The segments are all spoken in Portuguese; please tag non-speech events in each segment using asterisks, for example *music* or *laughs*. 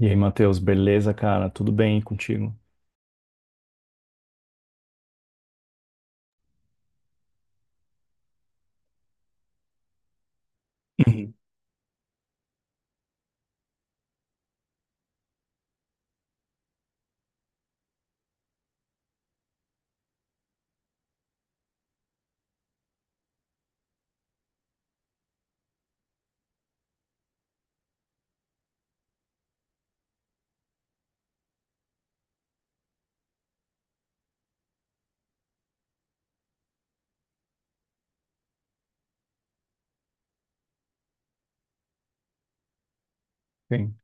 E aí, Matheus, beleza, cara? Tudo bem contigo? Uhum. Sim.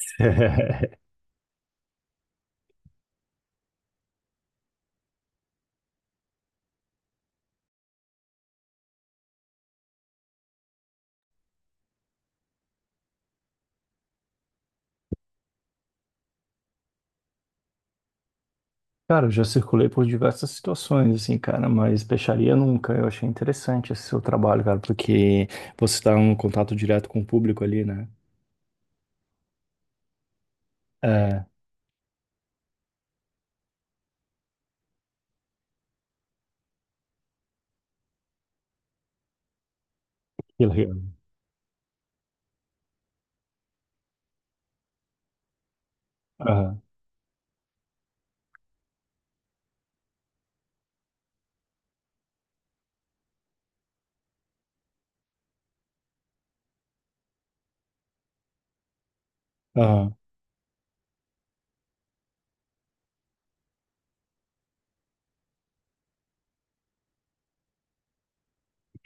*laughs* Cara, eu já circulei por diversas situações, assim, cara, mas peixaria nunca. Eu achei interessante esse seu trabalho, cara, porque você está em contato direto com o público ali, né? É, que legal. Aham, aham.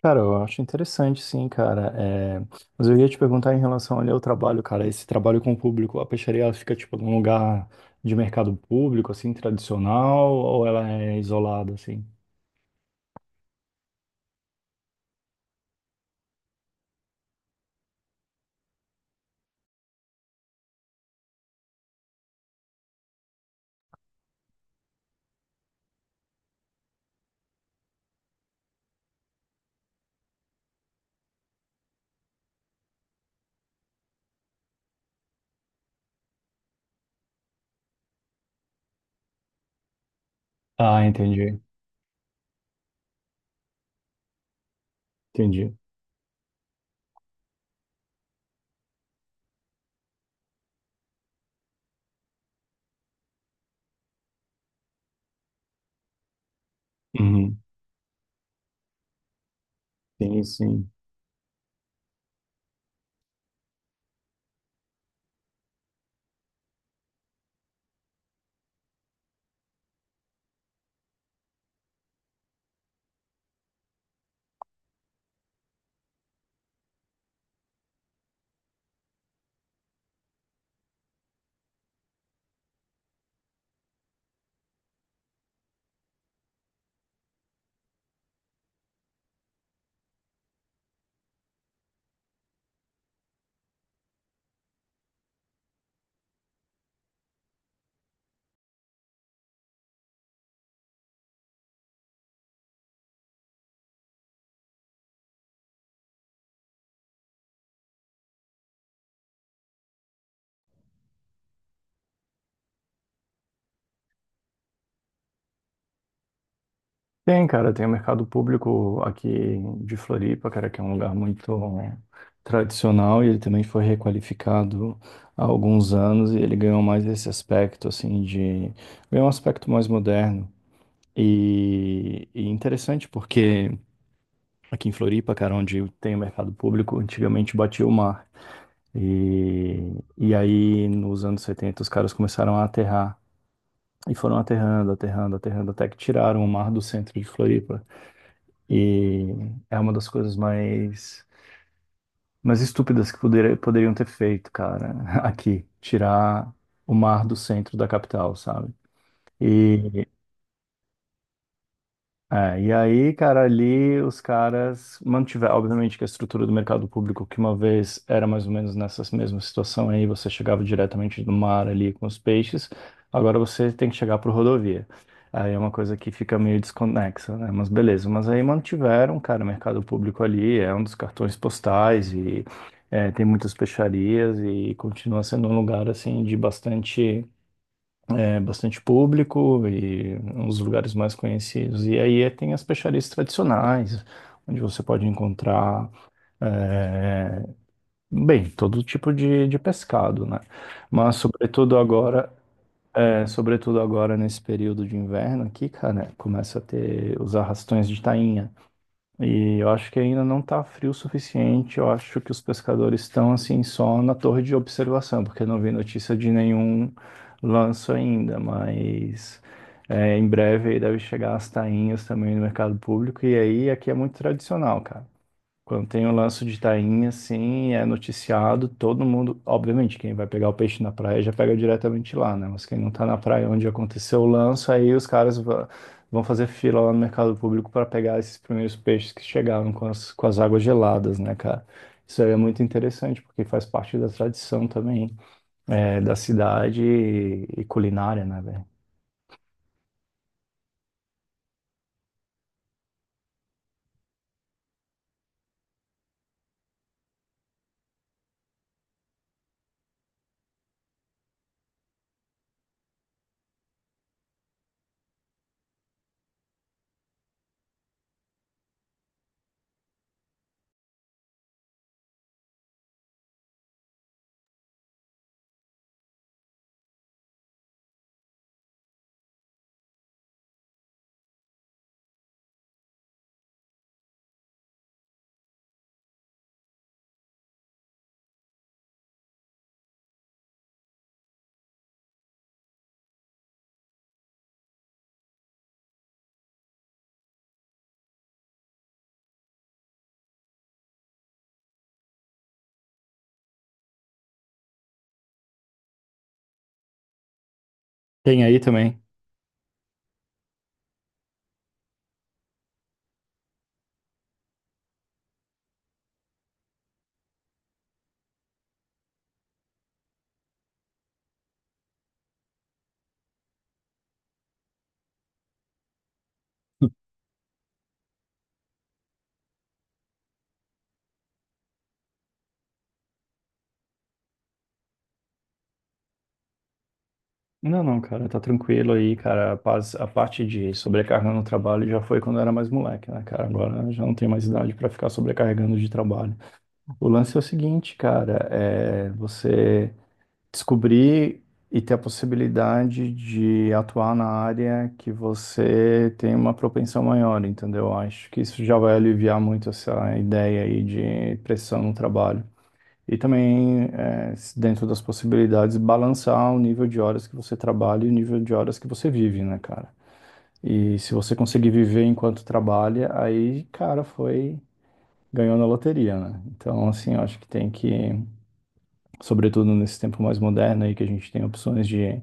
Cara, eu acho interessante, sim, cara. É. Mas eu ia te perguntar em relação ali ao trabalho, cara, esse trabalho com o público, a peixaria, ela fica, tipo, num lugar de mercado público, assim, tradicional, ou ela é isolada, assim? Ah, entendi. Entendi. Uhum. Sim, sim. Tem, cara, tem o mercado público aqui de Floripa, cara, que é um lugar muito, né, tradicional, e ele também foi requalificado há alguns anos e ele ganhou mais esse aspecto, assim. Ganhou um aspecto mais moderno. E interessante porque aqui em Floripa, cara, onde tem o mercado público, antigamente batia o mar. E, e aí, nos anos 70 os caras começaram a aterrar. E foram aterrando, aterrando, aterrando, até que tiraram o mar do centro de Floripa. E é uma das coisas mais estúpidas que poderiam ter feito, cara, *laughs* aqui. Tirar o mar do centro da capital, sabe? E É, e aí, cara, ali os caras mantiveram, obviamente, que a estrutura do mercado público, que uma vez era mais ou menos nessa mesma situação aí, você chegava diretamente do mar ali com os peixes, agora você tem que chegar por rodovia. Aí é uma coisa que fica meio desconexa, né? Mas beleza, mas aí mantiveram, cara, o mercado público ali, é um dos cartões postais, e é, tem muitas peixarias e continua sendo um lugar, assim, de bastante bastante público e uns lugares mais conhecidos. E aí tem as peixarias tradicionais, onde você pode encontrar, eh, bem, todo tipo de pescado, né? Mas sobretudo agora, sobretudo agora nesse período de inverno aqui, cara, começa a ter os arrastões de tainha. E eu acho que ainda não está frio o suficiente. Eu acho que os pescadores estão assim só na torre de observação, porque eu não vi notícia de nenhum lanço ainda, mas em breve aí deve chegar as tainhas também no mercado público. E aí aqui é muito tradicional, cara. Quando tem o lance de tainha, assim, é noticiado, todo mundo. Obviamente, quem vai pegar o peixe na praia já pega diretamente lá, né? Mas quem não tá na praia onde aconteceu o lance, aí os caras vão fazer fila lá no mercado público para pegar esses primeiros peixes que chegaram com as águas geladas, né, cara? Isso aí é muito interessante, porque faz parte da tradição também, da cidade e culinária, né, velho? Tem aí também. Não, não, cara, tá tranquilo aí, cara. A parte de sobrecarga no trabalho já foi quando eu era mais moleque, né, cara? Agora eu já não tenho mais idade pra ficar sobrecarregando de trabalho. O lance é o seguinte, cara, é você descobrir e ter a possibilidade de atuar na área que você tem uma propensão maior, entendeu? Acho que isso já vai aliviar muito essa ideia aí de pressão no trabalho. E também, é, se dentro das possibilidades, balançar o nível de horas que você trabalha e o nível de horas que você vive, né, cara? E se você conseguir viver enquanto trabalha, aí, cara, foi, ganhou na loteria, né? Então, assim, eu acho que tem que sobretudo nesse tempo mais moderno aí que a gente tem opções de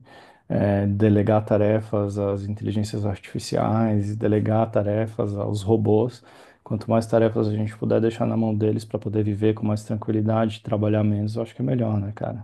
delegar tarefas às inteligências artificiais, e delegar tarefas aos robôs. Quanto mais tarefas a gente puder deixar na mão deles para poder viver com mais tranquilidade, trabalhar menos, eu acho que é melhor, né, cara?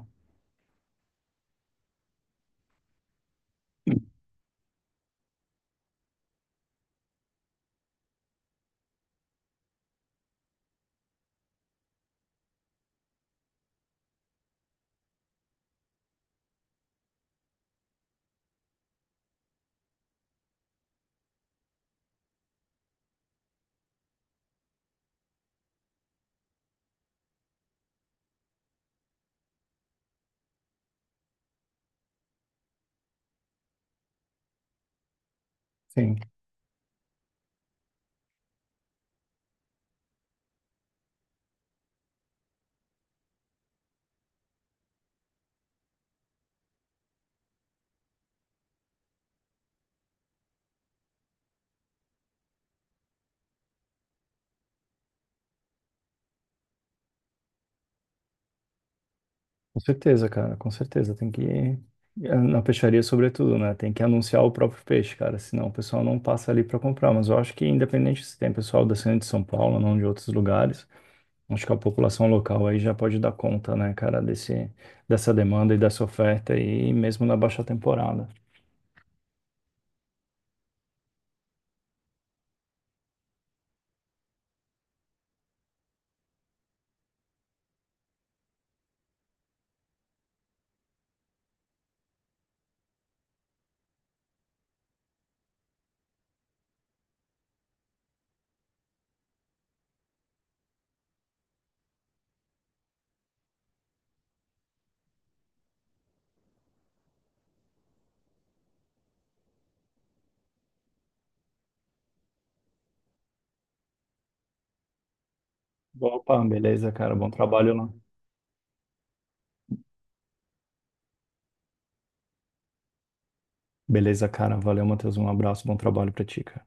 Sim, com certeza, cara, com certeza. Tem que na peixaria, sobretudo, né? Tem que anunciar o próprio peixe, cara, senão o pessoal não passa ali para comprar. Mas eu acho que, independente se tem pessoal descendo de São Paulo ou não de outros lugares, acho que a população local aí já pode dar conta, né, cara, dessa demanda e dessa oferta aí, mesmo na baixa temporada. Opa, beleza, cara. Bom trabalho lá. Beleza, cara. Valeu, Matheus. Um abraço. Bom trabalho pra ti, cara.